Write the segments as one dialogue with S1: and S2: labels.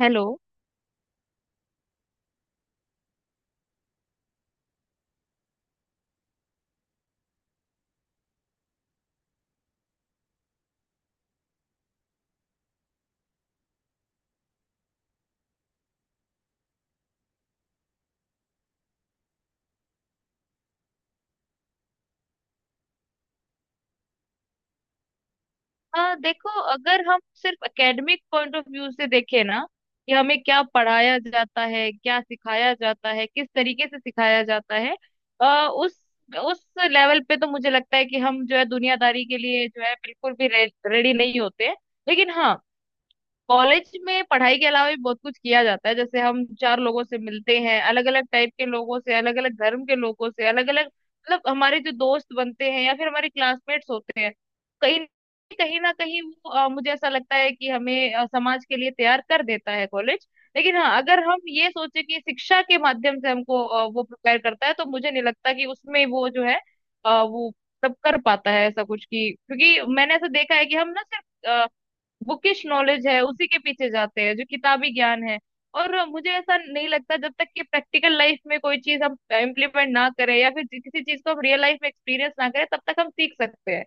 S1: Hello. हाँ, देखो, अगर हम सिर्फ एकेडमिक पॉइंट ऑफ व्यू से देखें ना कि हमें क्या पढ़ाया जाता है, क्या सिखाया जाता है, किस तरीके से सिखाया जाता है। आ, उस उस लेवल पे तो मुझे लगता है कि हम जो है दुनियादारी के लिए जो है बिल्कुल भी रेडी नहीं होते हैं। लेकिन हाँ, कॉलेज में पढ़ाई के अलावा भी बहुत कुछ किया जाता है, जैसे हम चार लोगों से मिलते हैं, अलग अलग टाइप के लोगों से, अलग अलग धर्म के लोगों से, अलग अलग मतलब हमारे जो दोस्त बनते हैं या फिर हमारे क्लासमेट्स होते हैं। कहीं कहीं ना कहीं वो मुझे ऐसा लगता है कि हमें समाज के लिए तैयार कर देता है कॉलेज। लेकिन हाँ, अगर हम ये सोचे कि शिक्षा के माध्यम से हमको वो प्रिपेयर करता है तो मुझे नहीं लगता कि उसमें वो जो है वो सब कर पाता है ऐसा कुछ कि, क्योंकि मैंने ऐसा देखा है कि हम ना सिर्फ बुकिश नॉलेज है उसी के पीछे जाते हैं जो किताबी ज्ञान है। और मुझे ऐसा नहीं लगता, जब तक कि प्रैक्टिकल लाइफ में कोई चीज हम इम्प्लीमेंट ना करें या फिर किसी चीज को हम रियल लाइफ में एक्सपीरियंस ना करें, तब तक हम सीख सकते हैं।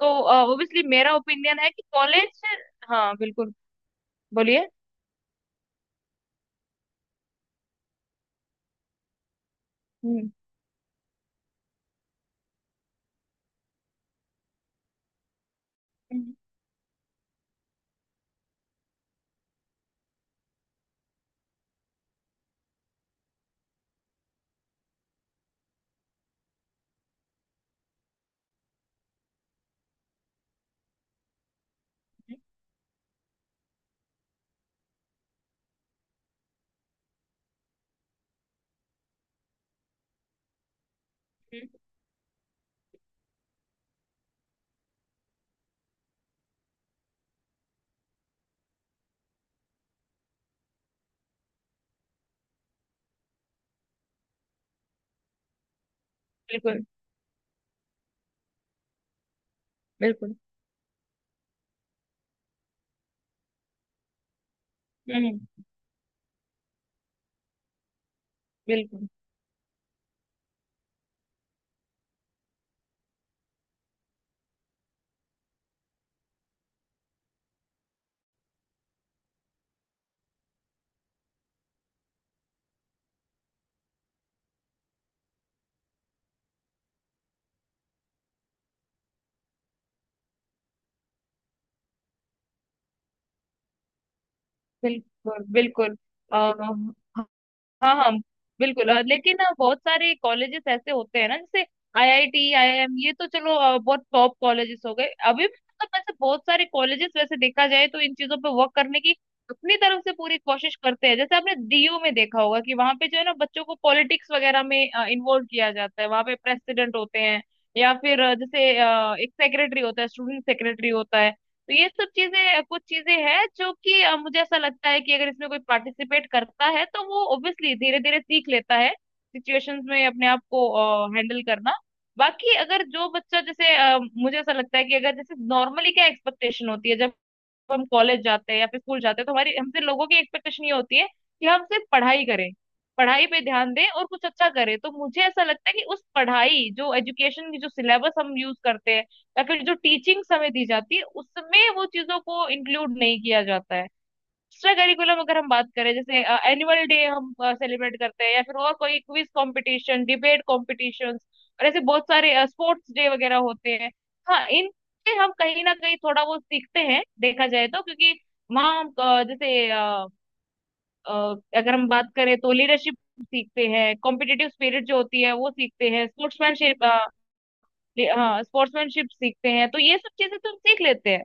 S1: तो ऑब्वियसली मेरा ओपिनियन है कि कॉलेज। हाँ बिल्कुल। बोलिए। हम्म। हम्म। हम्म। हम्म। बिल्कुल बिल्कुल। हम्म। बिल्कुल बिल्कुल। बिल्कुल। अ, हाँ हाँ बिल्कुल। लेकिन बहुत सारे कॉलेजेस ऐसे होते हैं ना, जैसे आईआईटी, आईआईएम, ये तो चलो बहुत टॉप कॉलेजेस हो गए। अभी भी मतलब वैसे बहुत सारे कॉलेजेस वैसे देखा जाए तो इन चीजों पे वर्क करने की अपनी तरफ से पूरी कोशिश करते हैं, जैसे आपने डीयू में देखा होगा कि वहां पे जो है ना बच्चों को पॉलिटिक्स वगैरह में इन्वॉल्व किया जाता है, वहां पे प्रेसिडेंट होते हैं या फिर जैसे एक सेक्रेटरी होता है, स्टूडेंट सेक्रेटरी होता है। तो ये सब चीजें, कुछ चीजें हैं जो कि मुझे ऐसा लगता है कि अगर इसमें कोई पार्टिसिपेट करता है तो वो ऑब्वियशली धीरे धीरे सीख लेता है सिचुएशंस में अपने आप को हैंडल करना। बाकी अगर जो बच्चा, जैसे मुझे ऐसा लगता है कि अगर जैसे नॉर्मली क्या एक्सपेक्टेशन होती है जब जब हम कॉलेज जाते हैं या फिर स्कूल जाते हैं, तो हमारी हमसे लोगों की एक्सपेक्टेशन ये होती है कि हम सिर्फ पढ़ाई करें, पढ़ाई पे ध्यान दें और कुछ अच्छा करें। तो मुझे ऐसा लगता है कि उस पढ़ाई, जो एजुकेशन की जो सिलेबस हम यूज करते हैं या फिर जो टीचिंग्स हमें दी जाती है, उसमें वो चीजों को इंक्लूड नहीं किया जाता है। एक्स्ट्रा करिकुलम अगर हम बात करें, जैसे एनुअल डे हम सेलिब्रेट करते हैं या फिर और कोई क्विज कंपटीशन, डिबेट कॉम्पिटिशन्स और ऐसे बहुत सारे स्पोर्ट्स डे वगैरह होते हैं। हाँ, इनसे हम कहीं ना कहीं थोड़ा बहुत सीखते हैं देखा जाए तो, क्योंकि वहाँ हम अगर हम बात करें तो लीडरशिप सीखते हैं, कॉम्पिटिटिव स्पिरिट जो होती है वो सीखते हैं, स्पोर्ट्समैनशिप। हाँ स्पोर्ट्समैनशिप सीखते हैं, तो ये सब चीजें तो हम सीख लेते हैं।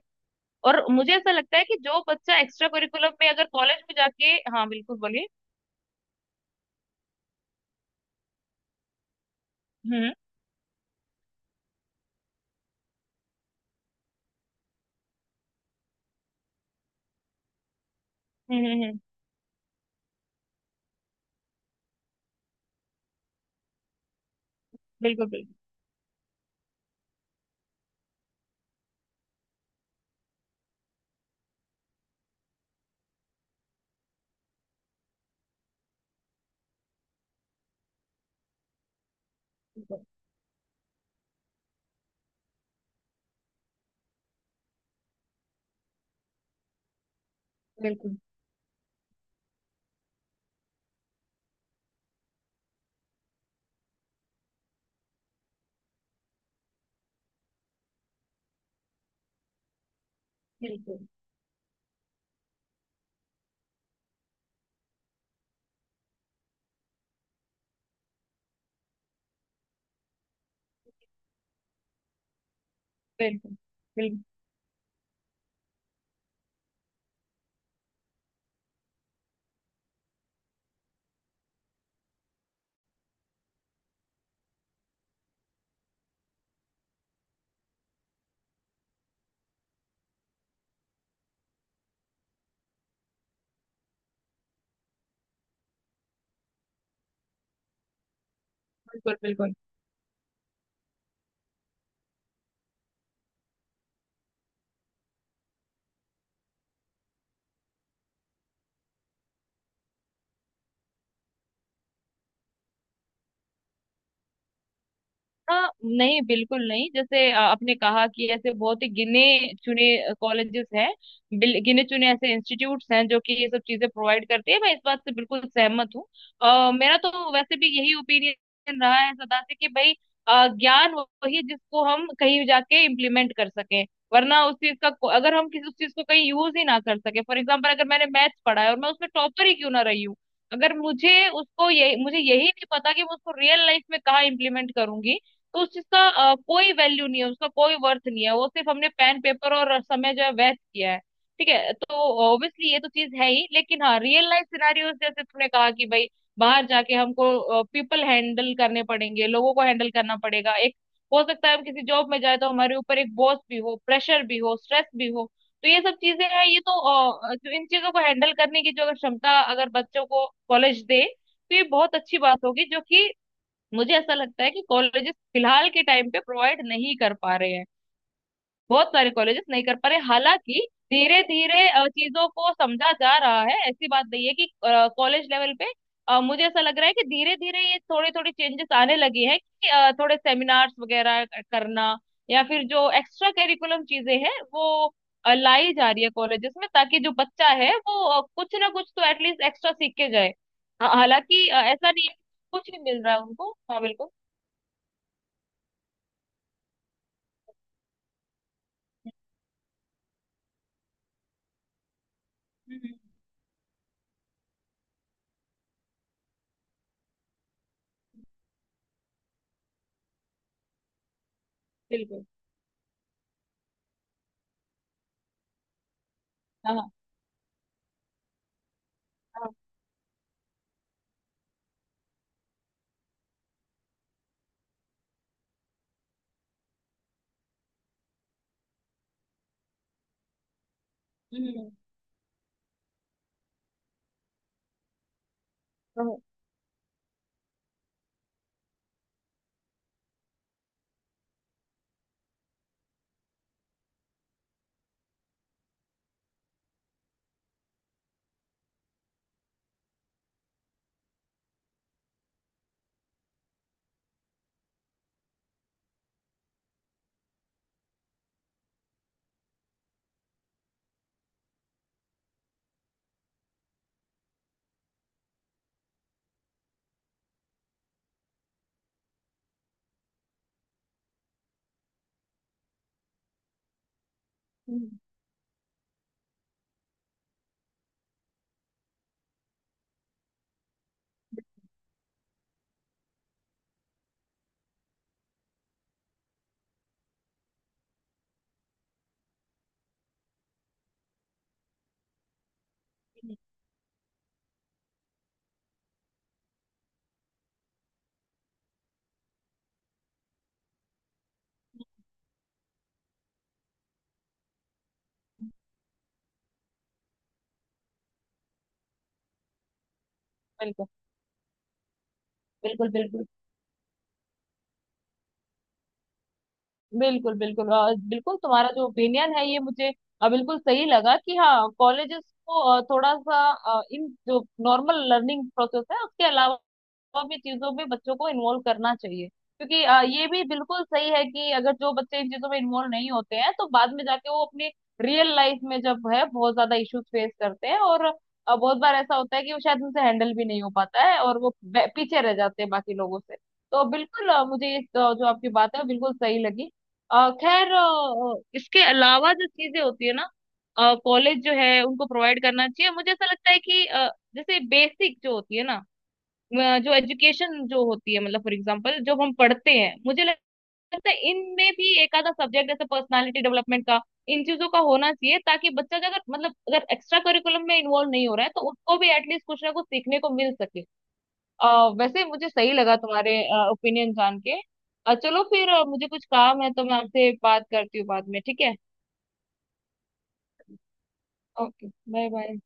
S1: और मुझे ऐसा लगता है कि जो बच्चा एक्स्ट्रा करिकुलम में अगर कॉलेज में जाके। हाँ बिल्कुल, बोलिए। हम्म। हम्म। हम्म। हम्म। बिल्कुल बिल्कुल। बिल्कुल बिल्कुल। बिल्कुल बिल्कुल। बिल्कुल बिल्कुल। हाँ, नहीं बिल्कुल नहीं। जैसे आपने कहा कि ऐसे बहुत ही गिने चुने कॉलेजेस हैं, गिने चुने ऐसे इंस्टीट्यूट्स हैं जो कि ये सब चीजें प्रोवाइड करती है, मैं इस बात से बिल्कुल सहमत हूँ। मेरा तो वैसे भी यही ओपिनियन रहा है सदा से, कि भाई ज्ञान वही है जिसको हम कहीं जाके इम्प्लीमेंट कर सकें, वरना उस चीज का अगर हम किसी उस चीज को कहीं यूज ही ना कर सके। फॉर एग्जाम्पल, अगर मैंने मैथ्स पढ़ा है और मैं उसमें टॉपर ही क्यों ना रही हूँ, अगर मुझे उसको, ये मुझे यही नहीं पता कि मैं उसको रियल लाइफ में कहाँ इम्प्लीमेंट करूंगी, तो उस चीज का कोई वैल्यू नहीं है, उसका कोई वर्थ नहीं है, वो सिर्फ हमने पेन पेपर और समय जो है वेस्ट किया है, ठीक है। तो ऑब्वियसली ये तो चीज है ही, लेकिन हाँ रियल लाइफ सिनारियोस, जैसे तुमने कहा कि भाई बाहर जाके हमको पीपल हैंडल करने पड़ेंगे, लोगों को हैंडल करना पड़ेगा, एक हो सकता है हम किसी जॉब में जाए तो हमारे ऊपर एक बॉस भी हो, प्रेशर भी हो, स्ट्रेस भी हो, तो ये सब चीजें हैं। ये तो जो इन चीजों को हैंडल करने की जो अगर क्षमता अगर बच्चों को कॉलेज दे तो ये बहुत अच्छी बात होगी, जो कि मुझे ऐसा लगता है कि कॉलेजेस फिलहाल के टाइम पे प्रोवाइड नहीं कर पा रहे हैं। बहुत सारे कॉलेजेस नहीं कर पा रहे। हालांकि धीरे धीरे चीजों को समझा जा रहा है, ऐसी बात नहीं है कि कॉलेज लेवल पे मुझे ऐसा लग रहा है कि धीरे धीरे ये थोड़े थोड़े चेंजेस आने लगे हैं, कि थोड़े सेमिनार्स वगैरह करना या फिर जो एक्स्ट्रा करिकुलम चीजें हैं वो लाई जा रही है कॉलेजेस में, ताकि जो बच्चा है वो कुछ ना कुछ तो एटलीस्ट एक्स्ट्रा सीख के जाए। हालांकि ऐसा नहीं है कि कुछ नहीं मिल रहा है उनको। हाँ बिल्कुल। हम्म, बिल्कुल। हाँ हाँ। हाँ, हम्म। तो, हम्म, बिल्कुल बिल्कुल। बिल्कुल बिल्कुल। बिल्कुल बिल्कुल तुम्हारा जो ओपिनियन है ये मुझे बिल्कुल सही लगा, कि हाँ कॉलेजेस को थोड़ा सा इन जो नॉर्मल लर्निंग प्रोसेस है उसके अलावा और भी चीजों में बच्चों को इन्वॉल्व करना चाहिए, क्योंकि ये भी बिल्कुल सही है कि अगर जो बच्चे इन चीजों में इन्वॉल्व नहीं होते हैं तो बाद में जाके वो अपने रियल लाइफ में जब है बहुत ज्यादा इश्यूज फेस करते हैं, और बहुत बार ऐसा होता है कि वो शायद उनसे हैंडल भी नहीं हो पाता है, और वो पीछे रह जाते हैं बाकी लोगों से। तो बिल्कुल मुझे इस जो आपकी बात है वो बिल्कुल सही लगी। खैर इसके अलावा जो चीजें होती है ना कॉलेज जो है उनको प्रोवाइड करना चाहिए, मुझे ऐसा लगता है कि जैसे बेसिक जो होती है ना जो एजुकेशन जो होती है, मतलब फॉर एग्जांपल जो हम पढ़ते हैं, मुझे लगता है इनमें भी एक आधा सब्जेक्ट, जैसे पर्सनालिटी डेवलपमेंट का, इन चीजों का होना चाहिए, ताकि बच्चा जो अगर मतलब अगर एक्स्ट्रा करिकुलम में इन्वॉल्व नहीं हो रहा है तो उसको भी एटलीस्ट कुछ ना कुछ सीखने को मिल सके। अ, वैसे मुझे सही लगा तुम्हारे ओपिनियन जान के। चलो फिर, मुझे कुछ काम है तो मैं आपसे बात करती हूँ बाद में, ठीक है। Okay, bye bye.